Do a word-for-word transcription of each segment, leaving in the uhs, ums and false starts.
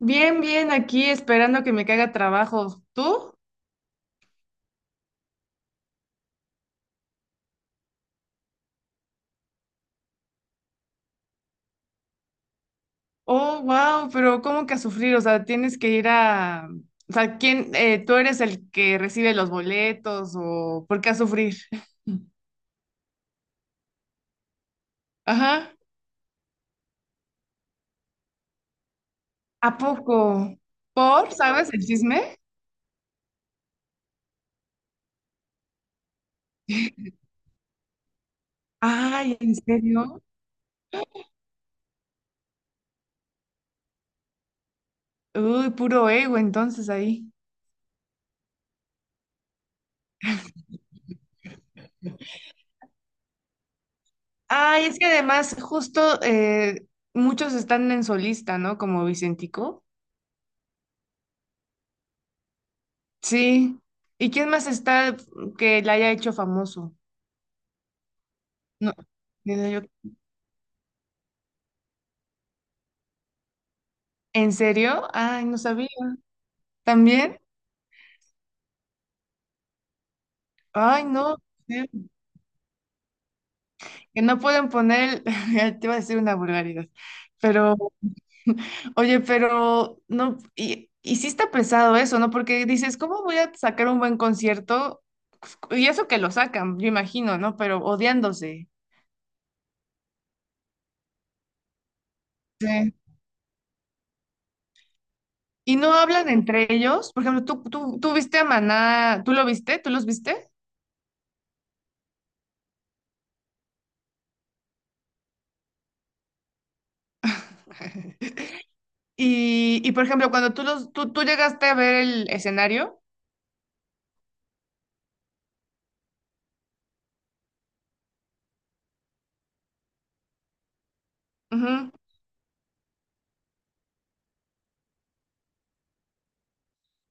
Bien, bien, aquí esperando que me caiga trabajo. ¿Tú? Oh, wow, pero ¿cómo que a sufrir? O sea, tienes que ir a... O sea, ¿quién? eh, ¿tú eres el que recibe los boletos o por qué a sufrir? Ajá. ¿A poco? ¿Por? ¿Sabes el chisme? Ay, ¿en serio? Uy, puro ego entonces ahí. Ay, es que además justo eh, muchos están en solista, ¿no? Como Vicentico. Sí. ¿Y quién más está que la haya hecho famoso? No, diría yo, ¿en serio? Ay, no sabía. ¿También? Ay, no. Sí, que no pueden poner, el- te iba a decir una vulgaridad, pero, oye, pero, no, y, y sí está pesado eso, ¿no? Porque dices, ¿cómo voy a sacar un buen concierto? Y eso que lo sacan, yo imagino, ¿no? Pero odiándose. Sí. Y no hablan entre ellos. Por ejemplo, tú, tú, tú viste a Maná, ¿tú lo viste? ¿Tú los viste? Y, y, por ejemplo, cuando tú, los, tú, tú llegaste a ver el escenario, ujú.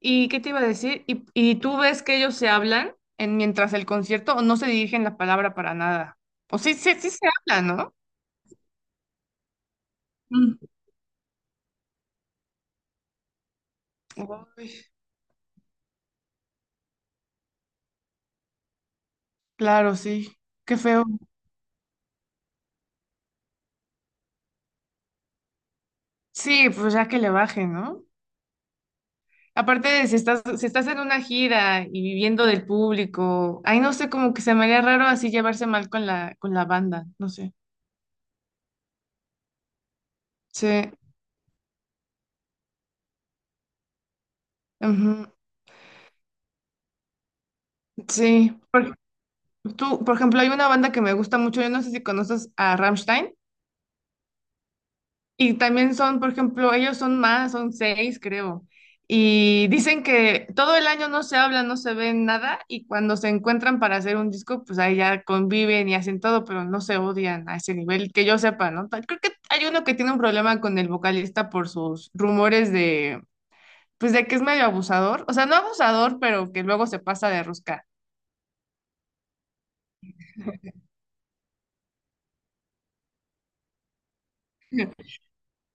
¿Y qué te iba a decir? ¿Y, y tú ves que ellos se hablan en, mientras el concierto o no se dirigen la palabra para nada? O sí, sí, sí se hablan, ¿no? Mm. Uy, claro, sí. Qué feo. Sí, pues ya que le bajen, ¿no? Aparte de si estás, si estás en una gira y viviendo del público, ahí no sé, como que se me haría raro así llevarse mal con la, con la banda, no sé. Sí, ujú, sí. Por- tú, por ejemplo, hay una banda que me gusta mucho, yo no sé si conoces a Rammstein. Y también son, por ejemplo, ellos son más, son seis, creo. Y dicen que todo el año no se hablan, no se ven nada, y cuando se encuentran para hacer un disco, pues ahí ya conviven y hacen todo, pero no se odian a ese nivel, que yo sepa, ¿no? Ta- Creo que hay uno que tiene un problema con el vocalista por sus rumores de, pues de que es medio abusador, o sea, no abusador, pero que luego se pasa de rosca.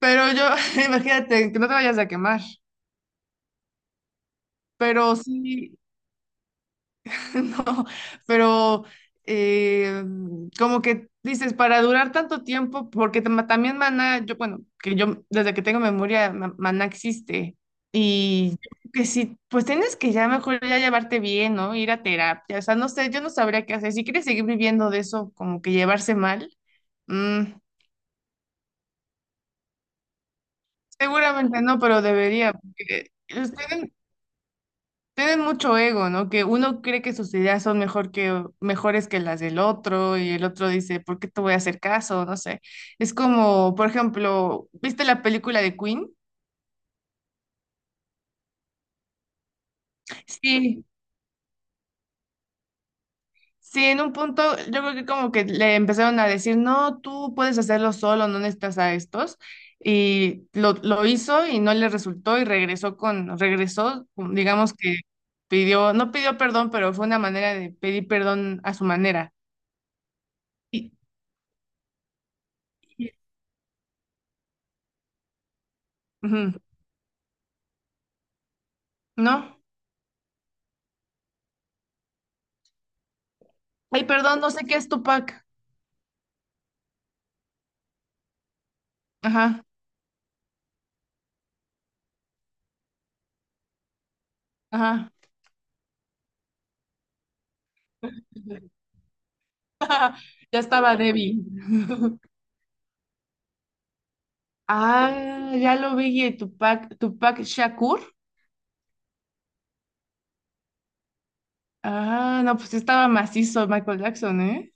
Pero yo, imagínate, que no te vayas a quemar, pero sí. No, pero eh, como que dices, para durar tanto tiempo, porque tam- también Maná, yo, bueno, que yo desde que tengo memoria, Ma- Maná existe. Y yo creo que sí, pues tienes que ya mejor ya llevarte bien, ¿no? Ir a terapia. O sea, no sé, yo no sabría qué hacer. Si quieres seguir viviendo de eso, como que llevarse mal, mm, seguramente no, pero debería. Porque eh, estoy tienen mucho ego, ¿no? Que uno cree que sus ideas son mejor que, mejores que las del otro y el otro dice, ¿por qué te voy a hacer caso? No sé. Es como, por ejemplo, ¿viste la película de Queen? Sí, sí, en un punto yo creo que como que le empezaron a decir, no, tú puedes hacerlo solo, no necesitas a estos. Y lo, lo hizo y no le resultó y regresó con, regresó, mm, digamos que pidió, no pidió perdón, pero fue una manera de pedir perdón a su manera. Y- y- ujú, ¿no? Ay, perdón, no sé qué es Tupac. Ajá, ajá. Ya estaba Debbie. Ah, ya lo vi, eh, Tupac, Tupac Shakur. Ah, no, pues sí estaba macizo Michael Jackson, ¿eh?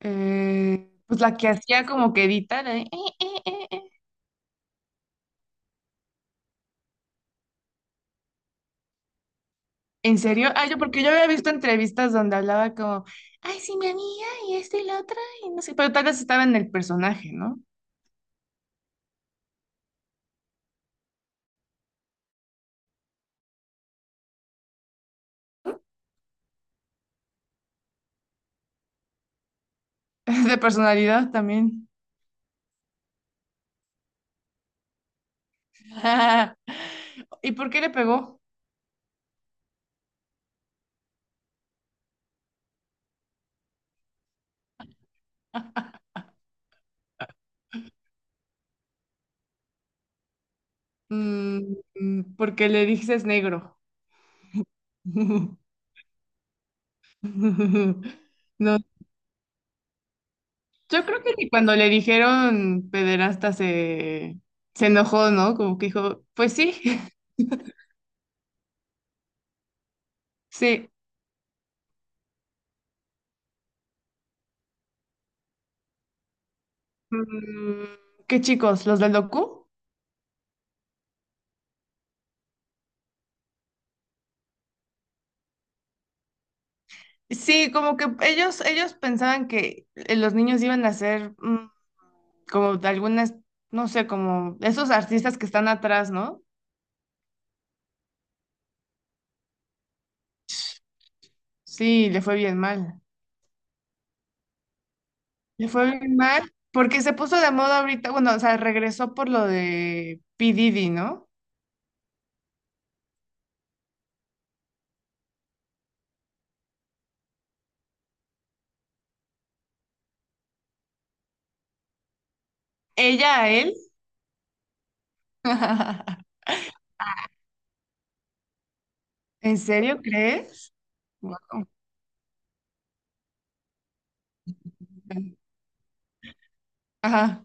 Eh, pues la que hacía como que editar, ¿eh? Eh, eh, eh, eh. ¿En serio? Ah, yo porque yo había visto entrevistas donde hablaba como, ay, sí, mi amiga, y esta y la otra, y no sé, pero tal vez estaba en el personaje, ¿no? De personalidad también. ¿Y por qué le pegó? Mm, mm, porque le dices negro. No, yo creo que ni cuando le dijeron pederasta se, se enojó, ¿no? Como que dijo, pues sí, sí. Mm, ¿qué chicos? ¿Los del docu? Sí, como que ellos, ellos pensaban que eh, los niños iban a ser mm, como de algunas, no sé, como esos artistas que están atrás, ¿no? Sí, le fue bien mal. Le fue bien mal porque se puso de moda ahorita, bueno, o sea, regresó por lo de P. Diddy, ¿no? Ella a él. ¿En serio crees? Wow. Ajá,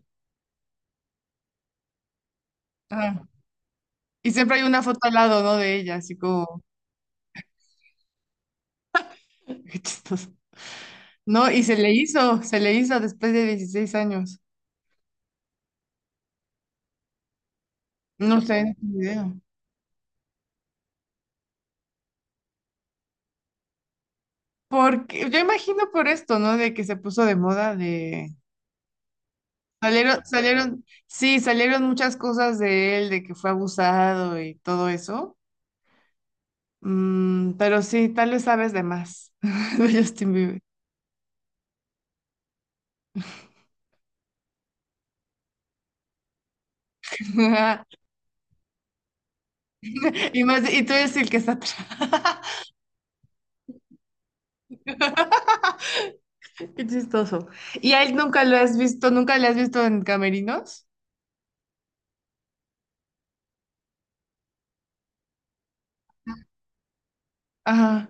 ajá. Y siempre hay una foto al lado, ¿no? De ella, así como, qué chistoso. No, y se le hizo, se le hizo después de dieciséis años. No sé, no tengo idea. Porque yo imagino por esto, ¿no? De que se puso de moda de... Salieron, salieron, sí, salieron muchas cosas de él, de que fue abusado y todo eso. Mm, pero sí, tal vez sabes de más de Justin Bieber. Y más, y tú eres el que está atrás. Qué chistoso. ¿Y a él nunca lo has visto? ¿Nunca le has visto en camerinos? Ajá.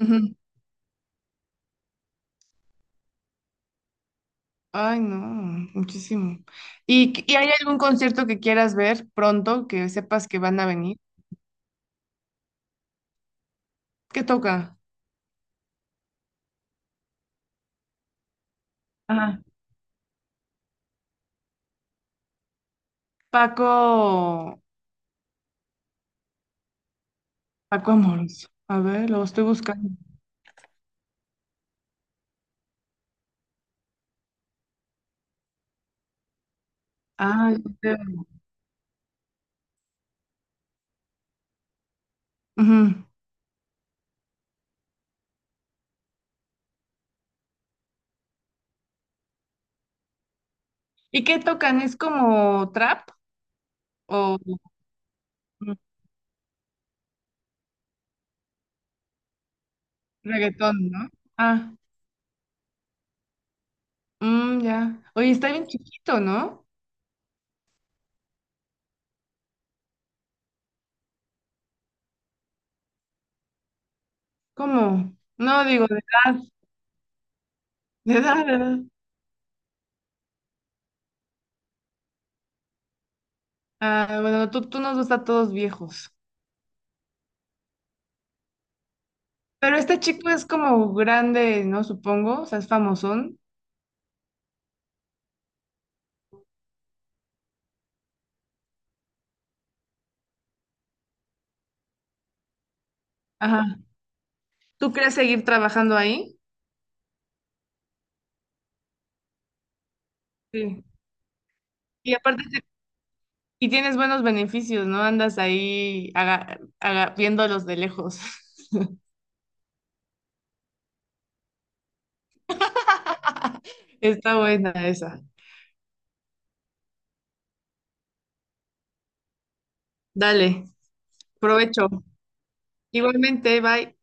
Ujú. Ay, no, muchísimo. ¿Y, y hay algún concierto que quieras ver pronto, que sepas que van a venir? ¿Qué toca? Ajá. Paco, Paco Amoroso. A ver, lo estoy buscando. Ay, ujú. ¿Y qué tocan? ¿Es como trap? O reggaetón, ¿no? Ah, mm, ya. Oye, está bien chiquito, ¿no? ¿Cómo? No, digo, de edad, de edad, de edad. Ah, bueno, tú, tú nos gusta a todos viejos. Pero este chico es como grande, ¿no? Supongo, o sea, es famosón. Ajá. ¿Tú crees seguir trabajando ahí? Sí. Y aparte, y tienes buenos beneficios, ¿no? Andas ahí aga- aga- viéndolos de lejos. Está buena esa. Dale, provecho. Igualmente, bye.